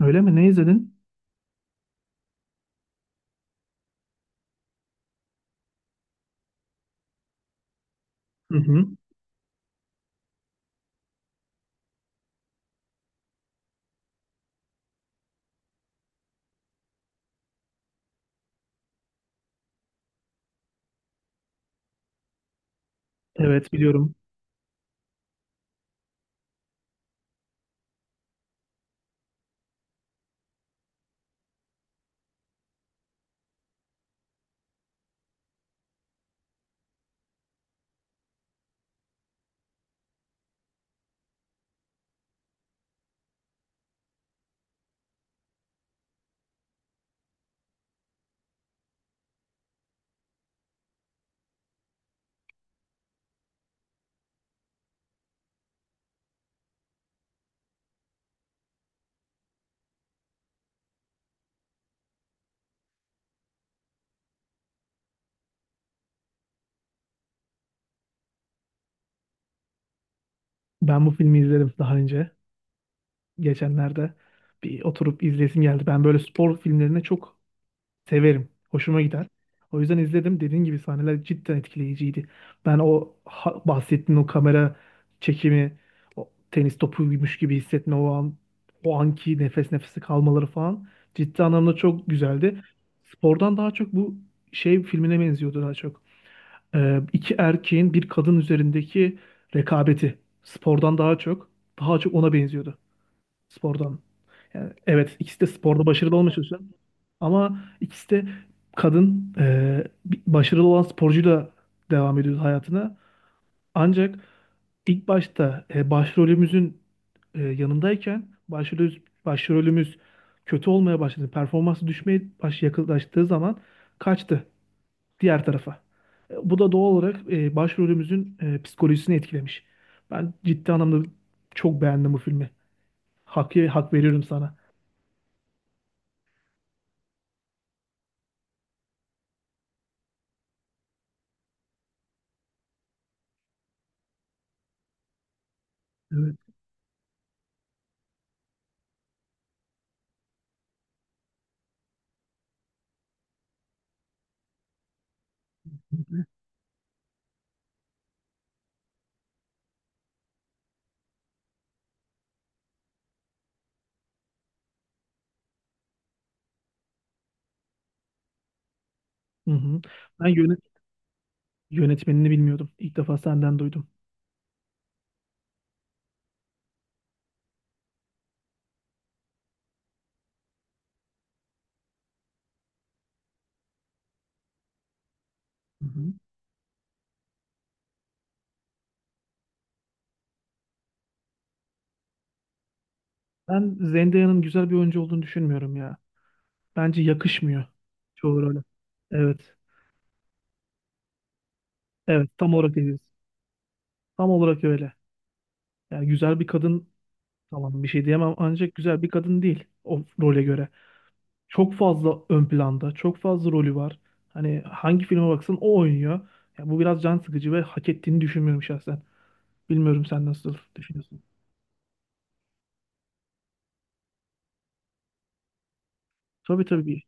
Öyle mi? Ne izledin? Hı hı. Evet biliyorum. Ben bu filmi izledim daha önce. Geçenlerde bir oturup izlesim geldi. Ben böyle spor filmlerini çok severim. Hoşuma gider. O yüzden izledim. Dediğin gibi sahneler cidden etkileyiciydi. Ben bahsettiğin o kamera çekimi, o tenis topuymuş gibi hissetme o an, o anki nefes nefese kalmaları falan ciddi anlamda çok güzeldi. Spordan daha çok bu şey filmine benziyordu daha çok. İki erkeğin bir kadın üzerindeki rekabeti spordan daha çok daha çok ona benziyordu spordan. Yani evet ikisi de sporda başarılı olmuş olsa ama ikisi de kadın başarılı olan sporcuyla devam ediyordu hayatına. Ancak ilk başta başrolümüzün yanındayken başrolümüz, başrolümüz kötü olmaya başladı. Performansı düşmeye yaklaştığı zaman kaçtı diğer tarafa. Bu da doğal olarak başrolümüzün psikolojisini etkilemiş. Ben ciddi anlamda çok beğendim bu filmi. Hak veriyorum sana. Evet. Hı hı. Ben yönetmenini bilmiyordum. İlk defa senden duydum. Hı hı. Ben Zendaya'nın güzel bir oyuncu olduğunu düşünmüyorum ya. Bence yakışmıyor çoğu role. Evet. Evet, tam olarak öyleyiz. Tam olarak öyle. Yani güzel bir kadın tamam bir şey diyemem ancak güzel bir kadın değil o role göre. Çok fazla ön planda, çok fazla rolü var. Hani hangi filme baksan o oynuyor. Ya bu biraz can sıkıcı ve hak ettiğini düşünmüyorum şahsen. Bilmiyorum sen nasıl düşünüyorsun. Tabii tabii.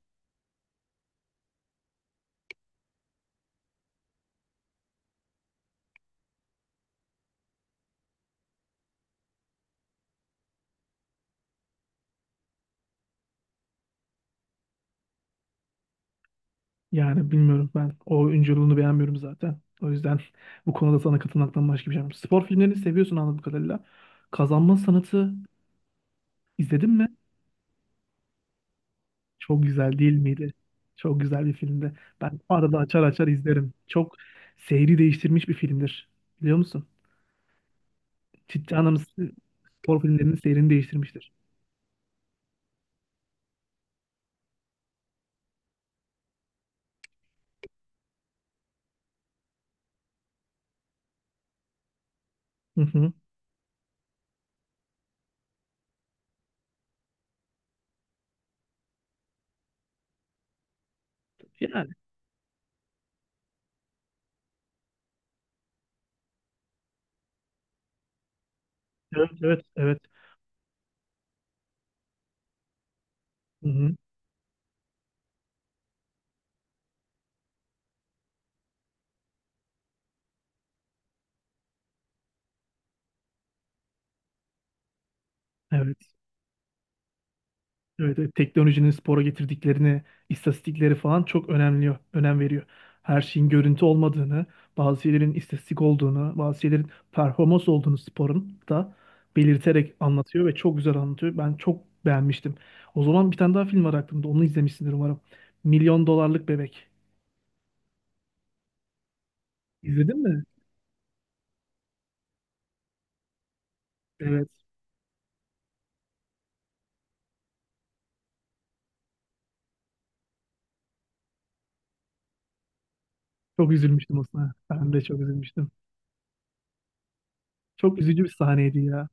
Yani bilmiyorum ben o oyunculuğunu beğenmiyorum zaten. O yüzden bu konuda sana katılmaktan başka bir şey yok. Spor filmlerini seviyorsun anladığım kadarıyla. Kazanma Sanatı izledin mi? Çok güzel değil miydi? Çok güzel bir filmdi. Ben arada açar açar izlerim. Çok seyri değiştirmiş bir filmdir. Biliyor musun? Ciddi anlamda spor filmlerinin seyrini değiştirmiştir. Hı hı. Yani evet, evet, evet. Hı hı. Evet. Evet, evet. Teknolojinin spora getirdiklerini, istatistikleri falan çok önemli, önem veriyor. Her şeyin görüntü olmadığını, bazı şeylerin istatistik olduğunu, bazı şeylerin performans olduğunu sporun da belirterek anlatıyor ve çok güzel anlatıyor. Ben çok beğenmiştim. O zaman bir tane daha film var aklımda. Onu izlemişsindir umarım. Milyon Dolarlık Bebek. İzledin mi? Evet. Çok üzülmüştüm aslında. Ben de çok üzülmüştüm. Çok üzücü bir sahneydi ya.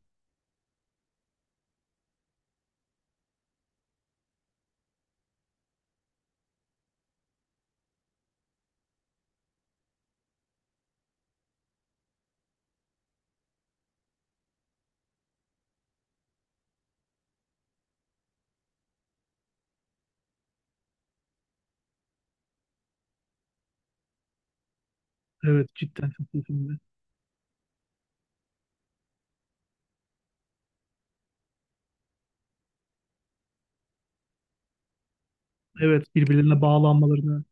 Evet cidden çok iyi filmdi. Evet birbirlerine bağlanmalarını,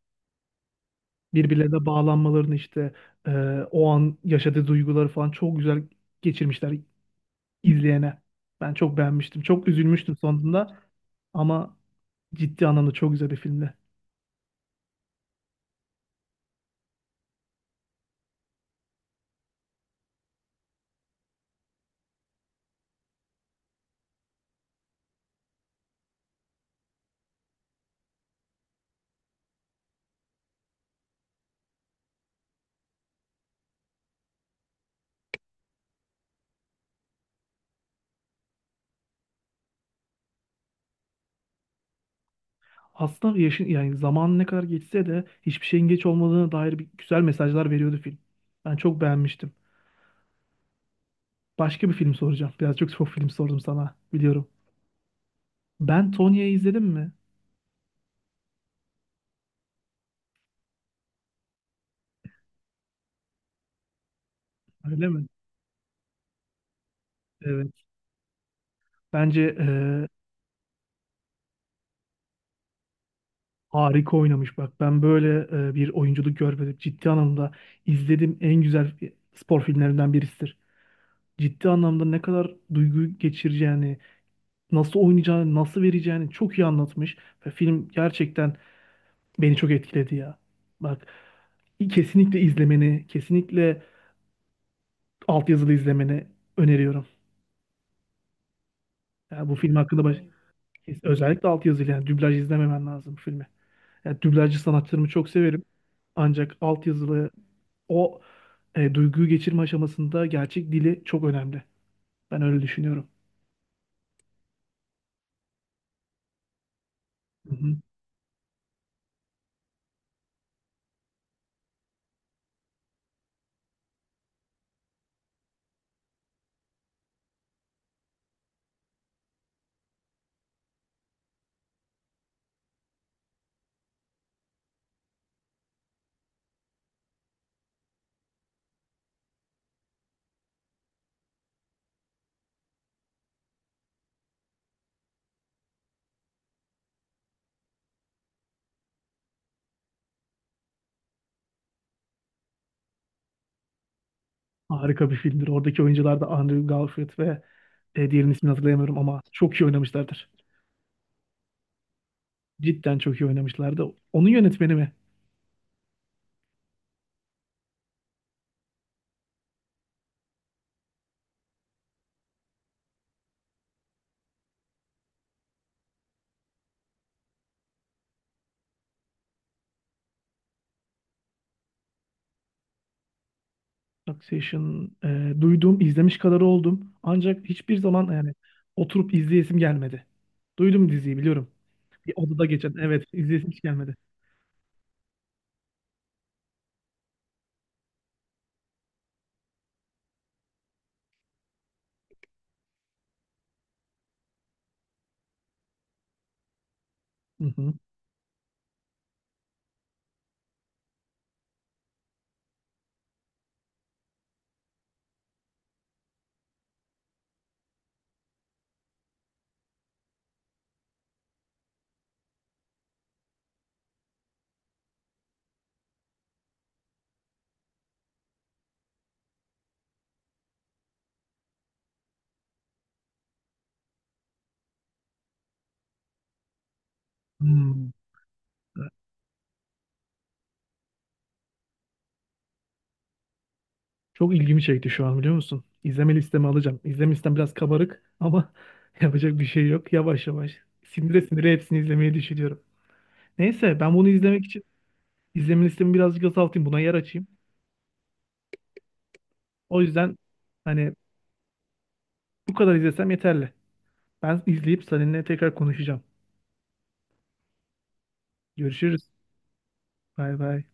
birbirlerine bağlanmalarını işte e, o an yaşadığı duyguları falan çok güzel geçirmişler izleyene. Ben çok beğenmiştim. Çok üzülmüştüm sonunda ama ciddi anlamda çok güzel bir filmdi. Aslında yaşın yani zaman ne kadar geçse de hiçbir şeyin geç olmadığına dair bir, güzel mesajlar veriyordu film. Ben çok beğenmiştim. Başka bir film soracağım. Biraz çok film sordum sana biliyorum. Ben Tonya'yı izledim mi? Öyle mi? Evet. Bence e, Harika oynamış bak. Ben böyle bir oyunculuk görmedim. Ciddi anlamda izlediğim en güzel spor filmlerinden birisidir. Ciddi anlamda ne kadar duygu geçireceğini, nasıl oynayacağını, nasıl vereceğini çok iyi anlatmış. Ve film gerçekten beni çok etkiledi ya. Bak kesinlikle izlemeni, kesinlikle altyazılı izlemeni öneriyorum. Yani bu film hakkında baş... özellikle altyazılı yani dublaj izlememen lazım bu filmi. Yani dublajcı sanatçılarımı çok severim. Ancak altyazılı o duyguyu geçirme aşamasında gerçek dili çok önemli. Ben öyle düşünüyorum. Hı hı. Harika bir filmdir. Oradaki oyuncular da Andrew Garfield ve diğerinin ismini hatırlayamıyorum ama çok iyi oynamışlardır. Cidden çok iyi oynamışlardı. Onun yönetmeni mi? Succession duydum, izlemiş kadar oldum. Ancak hiçbir zaman yani oturup izleyesim gelmedi. Duydum diziyi biliyorum. Bir odada geçen. Evet, izleyesim hiç gelmedi. Hı hı. Hmm. Çok ilgimi çekti şu an biliyor musun? İzleme listeme alacağım. İzleme listem biraz kabarık ama yapacak bir şey yok. Yavaş yavaş sinire sinire hepsini izlemeyi düşünüyorum. Neyse ben bunu izlemek için izleme listemi birazcık azaltayım. Buna yer açayım. O yüzden hani bu kadar izlesem yeterli. Ben izleyip seninle tekrar konuşacağım. Görüşürüz. Bay bay.